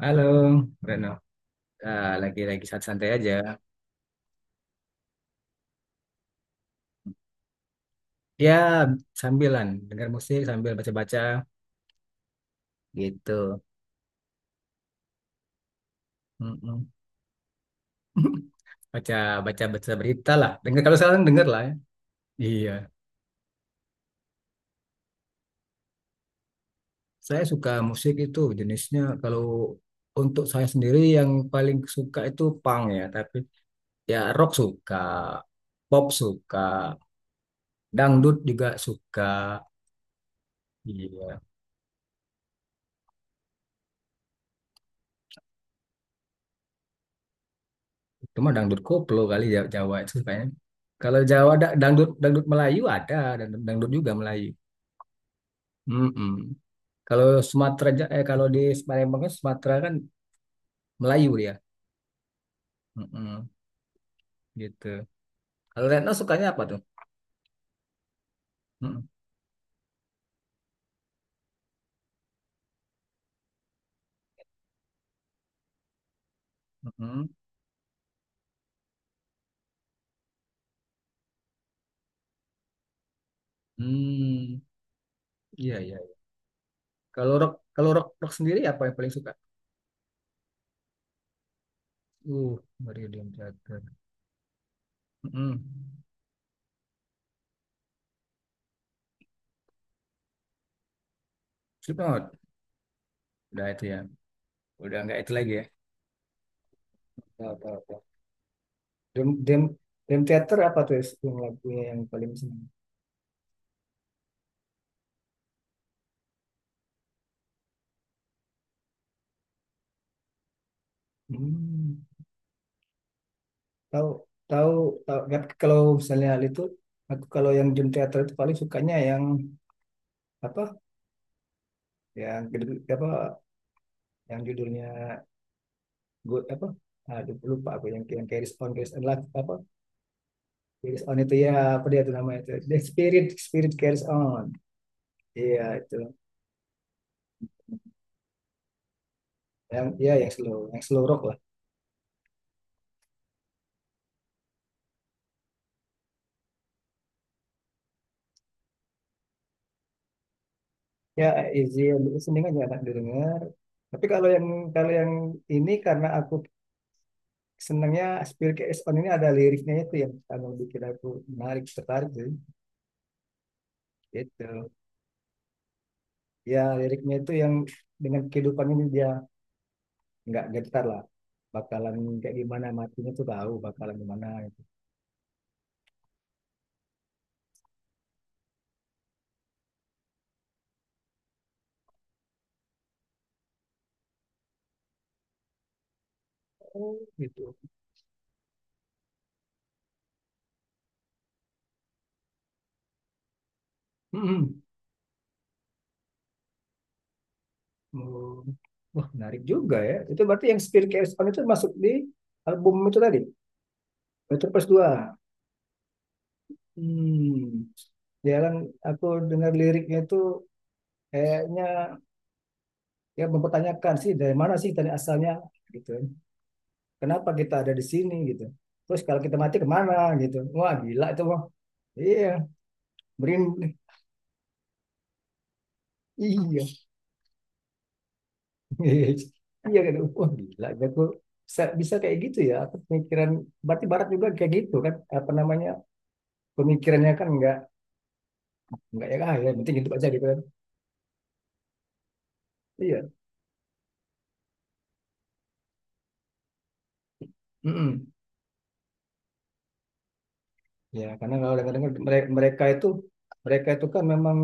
Halo, Reno. Ah, lagi-lagi santai aja. Ya, sambilan dengar musik sambil baca-baca gitu. Mm-mm. Baca baca baca berita lah. Dengar kalau sekarang dengar lah ya. Iya. Saya suka musik itu jenisnya kalau untuk saya sendiri yang paling suka itu punk ya, tapi ya rock suka, pop suka, dangdut juga suka. Iya. Cuma dangdut koplo kali Jawa itu kayaknya. Kalau Jawa da- dangdut dangdut Melayu ada, dangdut juga Melayu. Mm-mm. Kalau Sumatera kalau di Palembang kan Sumatera kan Melayu dia. Mm-mm. Gitu. Kalau Retno sukanya apa tuh? Mm-mm. Mm-mm. Hmm. Iya, iya. Kalau rock rock sendiri apa yang paling suka? Uh, Marillion Jagger. Mm-mm. Slipknot. Udah itu ya. Udah nggak itu lagi ya. Tahu, tahu, tahu. Dream Dream Dream Theater apa tuh yang lagunya yang paling seneng? Hmm. Tahu, tahu, tahu kan. Kalau misalnya hal itu, aku kalau yang genre teater itu paling sukanya yang apa, yang judul- apa yang judulnya good apa, aduh lupa aku, yang carries on carries on lah apa, carries on itu ya, apa dia itu namanya itu, the spirit spirit carries on, iya itu. Yang ya yang slow rock lah. Ya, easy listening aja, enak didengar. Tapi kalau yang kalau yang ini karena aku senangnya Spill Carries On. Ini ada liriknya itu yang kalau bikin aku tertarik sih gitu. Ya, liriknya itu yang dengan kehidupan ini, dia nggak getar lah, bakalan kayak gimana matinya tuh tahu bakalan gimana gitu. Oh gitu. Mm-mm. Oh, wah menarik juga ya, itu berarti yang Spill Carries On itu masuk di album itu tadi. Metropolis 2. Hmm, ya kan. Aku dengar liriknya itu kayaknya, ya mempertanyakan sih dari mana sih tadi asalnya gitu, kenapa kita ada di sini gitu, terus kalau kita mati kemana gitu. Wah gila itu, wah iya berin. Iya. Iya gitu, wah gila gitu. Aku bisa kayak gitu ya, aku pemikiran berarti barat juga kayak gitu kan, apa namanya, pemikirannya kan nggak ya ya penting hidup aja gitu kan. Iya. Mm-mm. Ya karena kalau dengar-dengar mereka itu mereka itu kan memang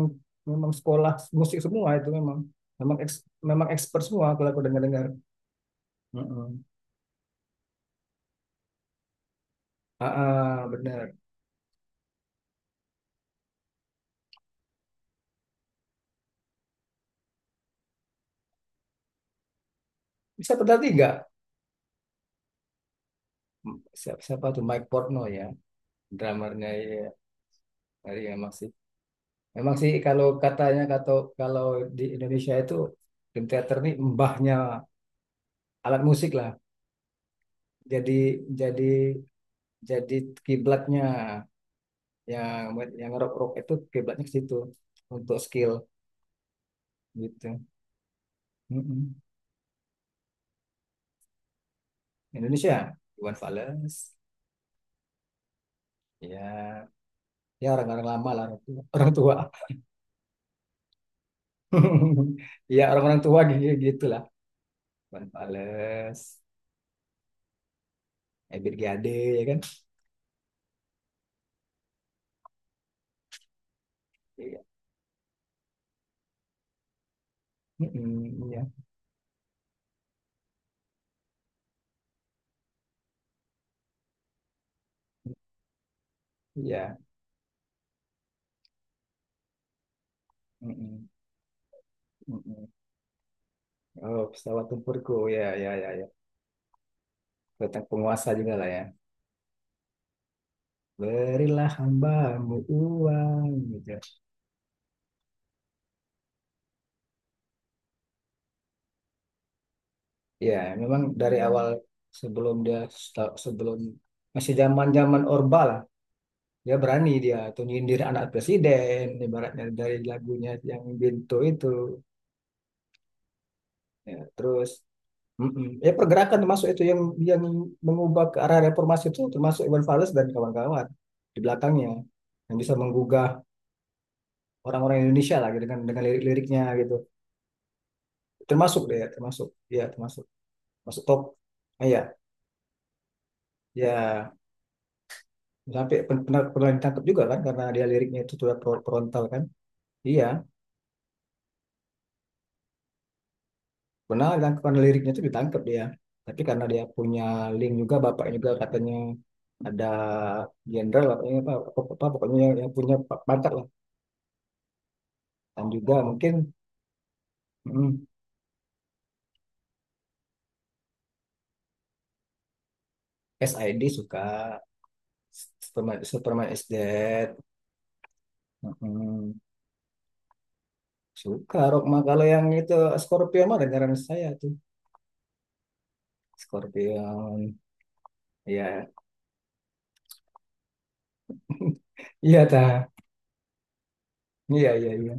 memang sekolah musik semua itu memang memang eks- memang expert semua kalau aku dengar-dengar. Mm-mm. Ah, ah, benar. Bisa berarti nggak. Siapa tuh, Mike Portno ya, drummernya ya. Dari emang sih, memang sih kalau katanya, kalau kalau di Indonesia itu film teater nih mbahnya alat musik lah. Jadi jadi jadi kiblatnya yang rock rock itu kiblatnya ke situ untuk skill gitu. Mm-mm. Indonesia, Iwan Fals. Ya, ya, orang-orang lama lah, orang tua. Orang tua. Ya, orang-orang tua gitu gitulah. Iwan Fals, Ebit G Ade, ya kan? Iya. Mm-mm, iya. Iya. Mm-mm, mm-mm. Oh, pesawat tempurku. Ya, ya, ya, ya. Tentang penguasa juga lah ya. Berilah hambamu uang gitu. Ya, memang dari awal, sebelum dia sebelum masih zaman-zaman Orba lah, dia berani, dia tuh nyindir anak presiden ibaratnya dari lagunya yang Bintu itu. Ya, terus. Mm-mm. Ya pergerakan termasuk itu yang yang mengubah ke arah reformasi itu, termasuk Iwan Fals dan kawan-kawan di belakangnya, yang bisa menggugah orang-orang Indonesia lagi dengan lirik-liriknya gitu. Termasuk deh ya, termasuk. Ya, termasuk. Masuk top. Ah, ya, ya sampai pen- pernah pernah ditangkap juga kan, karena dia liriknya itu sudah frontal kan. Iya, pernah ditangkap karena liriknya itu, ditangkap dia. Tapi karena dia punya link juga, bapaknya juga katanya ada jenderal apa pokoknya, yang punya pangkat lah. Dan juga mungkin mm, SID suka, Superman is Dead, mm, suka Rockma. Kalau yang itu Scorpion mah dengaran saya tuh. Scorpion, ya, iya ta, iya, iya, iya.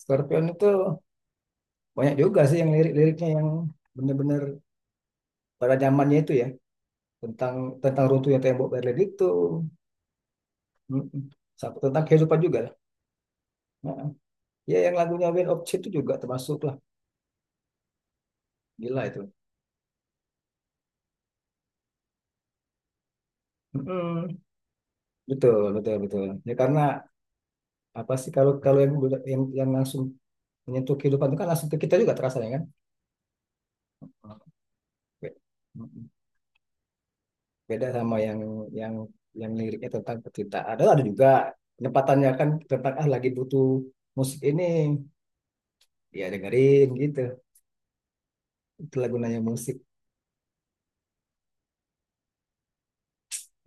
Scorpion itu banyak juga sih yang lirik-liriknya yang bener-bener pada zamannya itu ya, tentang tentang runtuhnya tembok Berlin itu. Mm-mm. Sama- tentang kehidupan juga lah. Nah, ya yang lagunya Wind of Change itu juga termasuk lah, gila itu. Mm-mm. Betul, betul, betul. Ya karena apa sih, kalau kalau yang yang langsung menyentuh kehidupan itu kan langsung ke kita juga terasa ya kan? Be- Beda sama yang yang yang liriknya tentang cerita. Ada juga, penempatannya kan tentang ah lagi butuh musik ini, ya dengerin gitu. Itulah gunanya musik.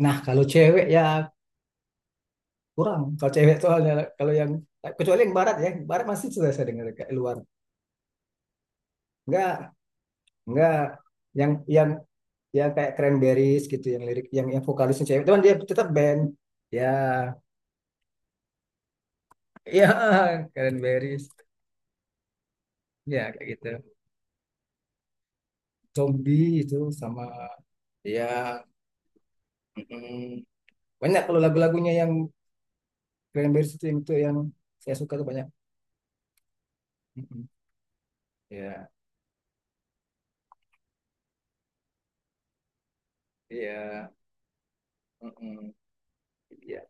Nah, kalau cewek ya kurang. Kalau cewek soalnya, kalau yang kecuali yang barat ya, barat masih sudah saya dengar kayak luar. Enggak, enggak. Yang ya kayak Cranberries gitu, yang lirik yang vokalisnya cewek, cuman dia tetap band ya ya. Cranberries, ya kayak gitu. Zombie itu, sama ya. Mm, banyak kalau lagu-lagunya yang Cranberries itu yang saya suka tuh banyak. Mm, ya, ya, mm, ya.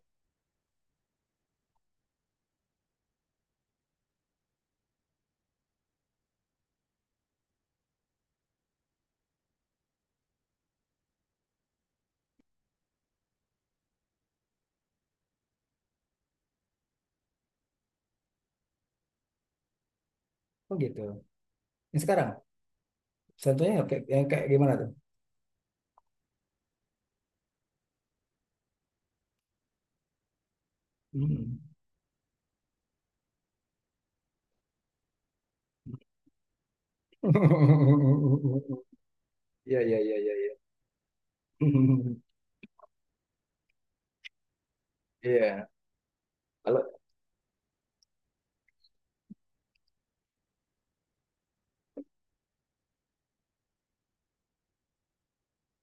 Oh gitu. Yang sekarang contohnya yang kayak, yang kayak gimana tuh. Mm. Ya, ya, ya, ya, ya. Iya, kalau.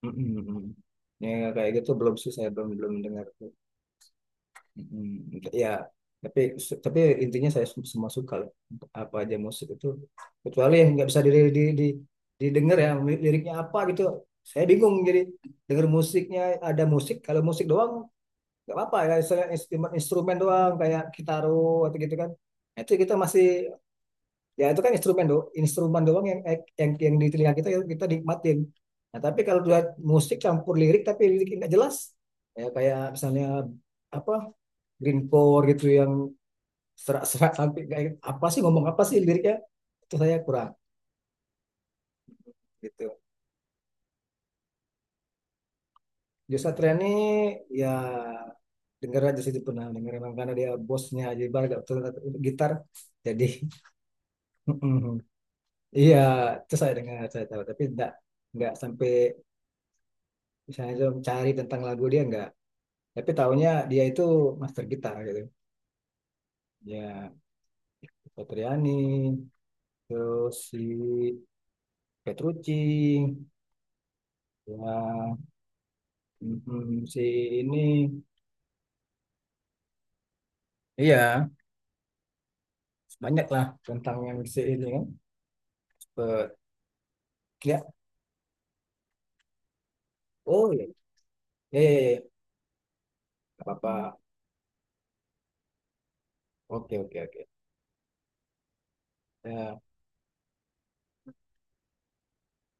Mm-mm, mm-mm. Ya, kayak gitu belum sih, saya belum belum dengar. Mm-mm. Ya, tapi intinya saya semua suka lah, untuk apa aja musik itu, kecuali yang nggak bisa di, di, didengar ya liriknya apa gitu. Saya bingung jadi denger musiknya. Ada musik, kalau musik doang nggak apa-apa ya, misalnya instrumen instrumen doang kayak Kitaro atau gitu kan. Itu kita masih. Ya itu kan instrumen doang yang eh, yang di telinga kita yang kita nikmatin. Nah tapi kalau udah musik campur lirik tapi liriknya nggak jelas, ya kayak misalnya apa grindcore gitu yang serak-serak, sampai kayak apa sih ngomong apa sih liriknya, itu saya kurang gitu. Joshua Trian ini ya, denger aja sih, itu pernah denger emang karena dia bosnya, jadi bar gak betul gitar jadi. Iya, itu saya dengar, saya tahu tapi enggak, nggak sampai misalnya saya mencari tentang lagu dia nggak. Tapi tahunya dia itu master gitar gitu. Ya, Petriani, terus si Petrucci, ya, mm, si ini, iya. Banyak lah tentang yang si ini kan. Pe- Ya, oh ya, ya, ya, ya. Gak apa-apa. Oke, oke, oke. Ya.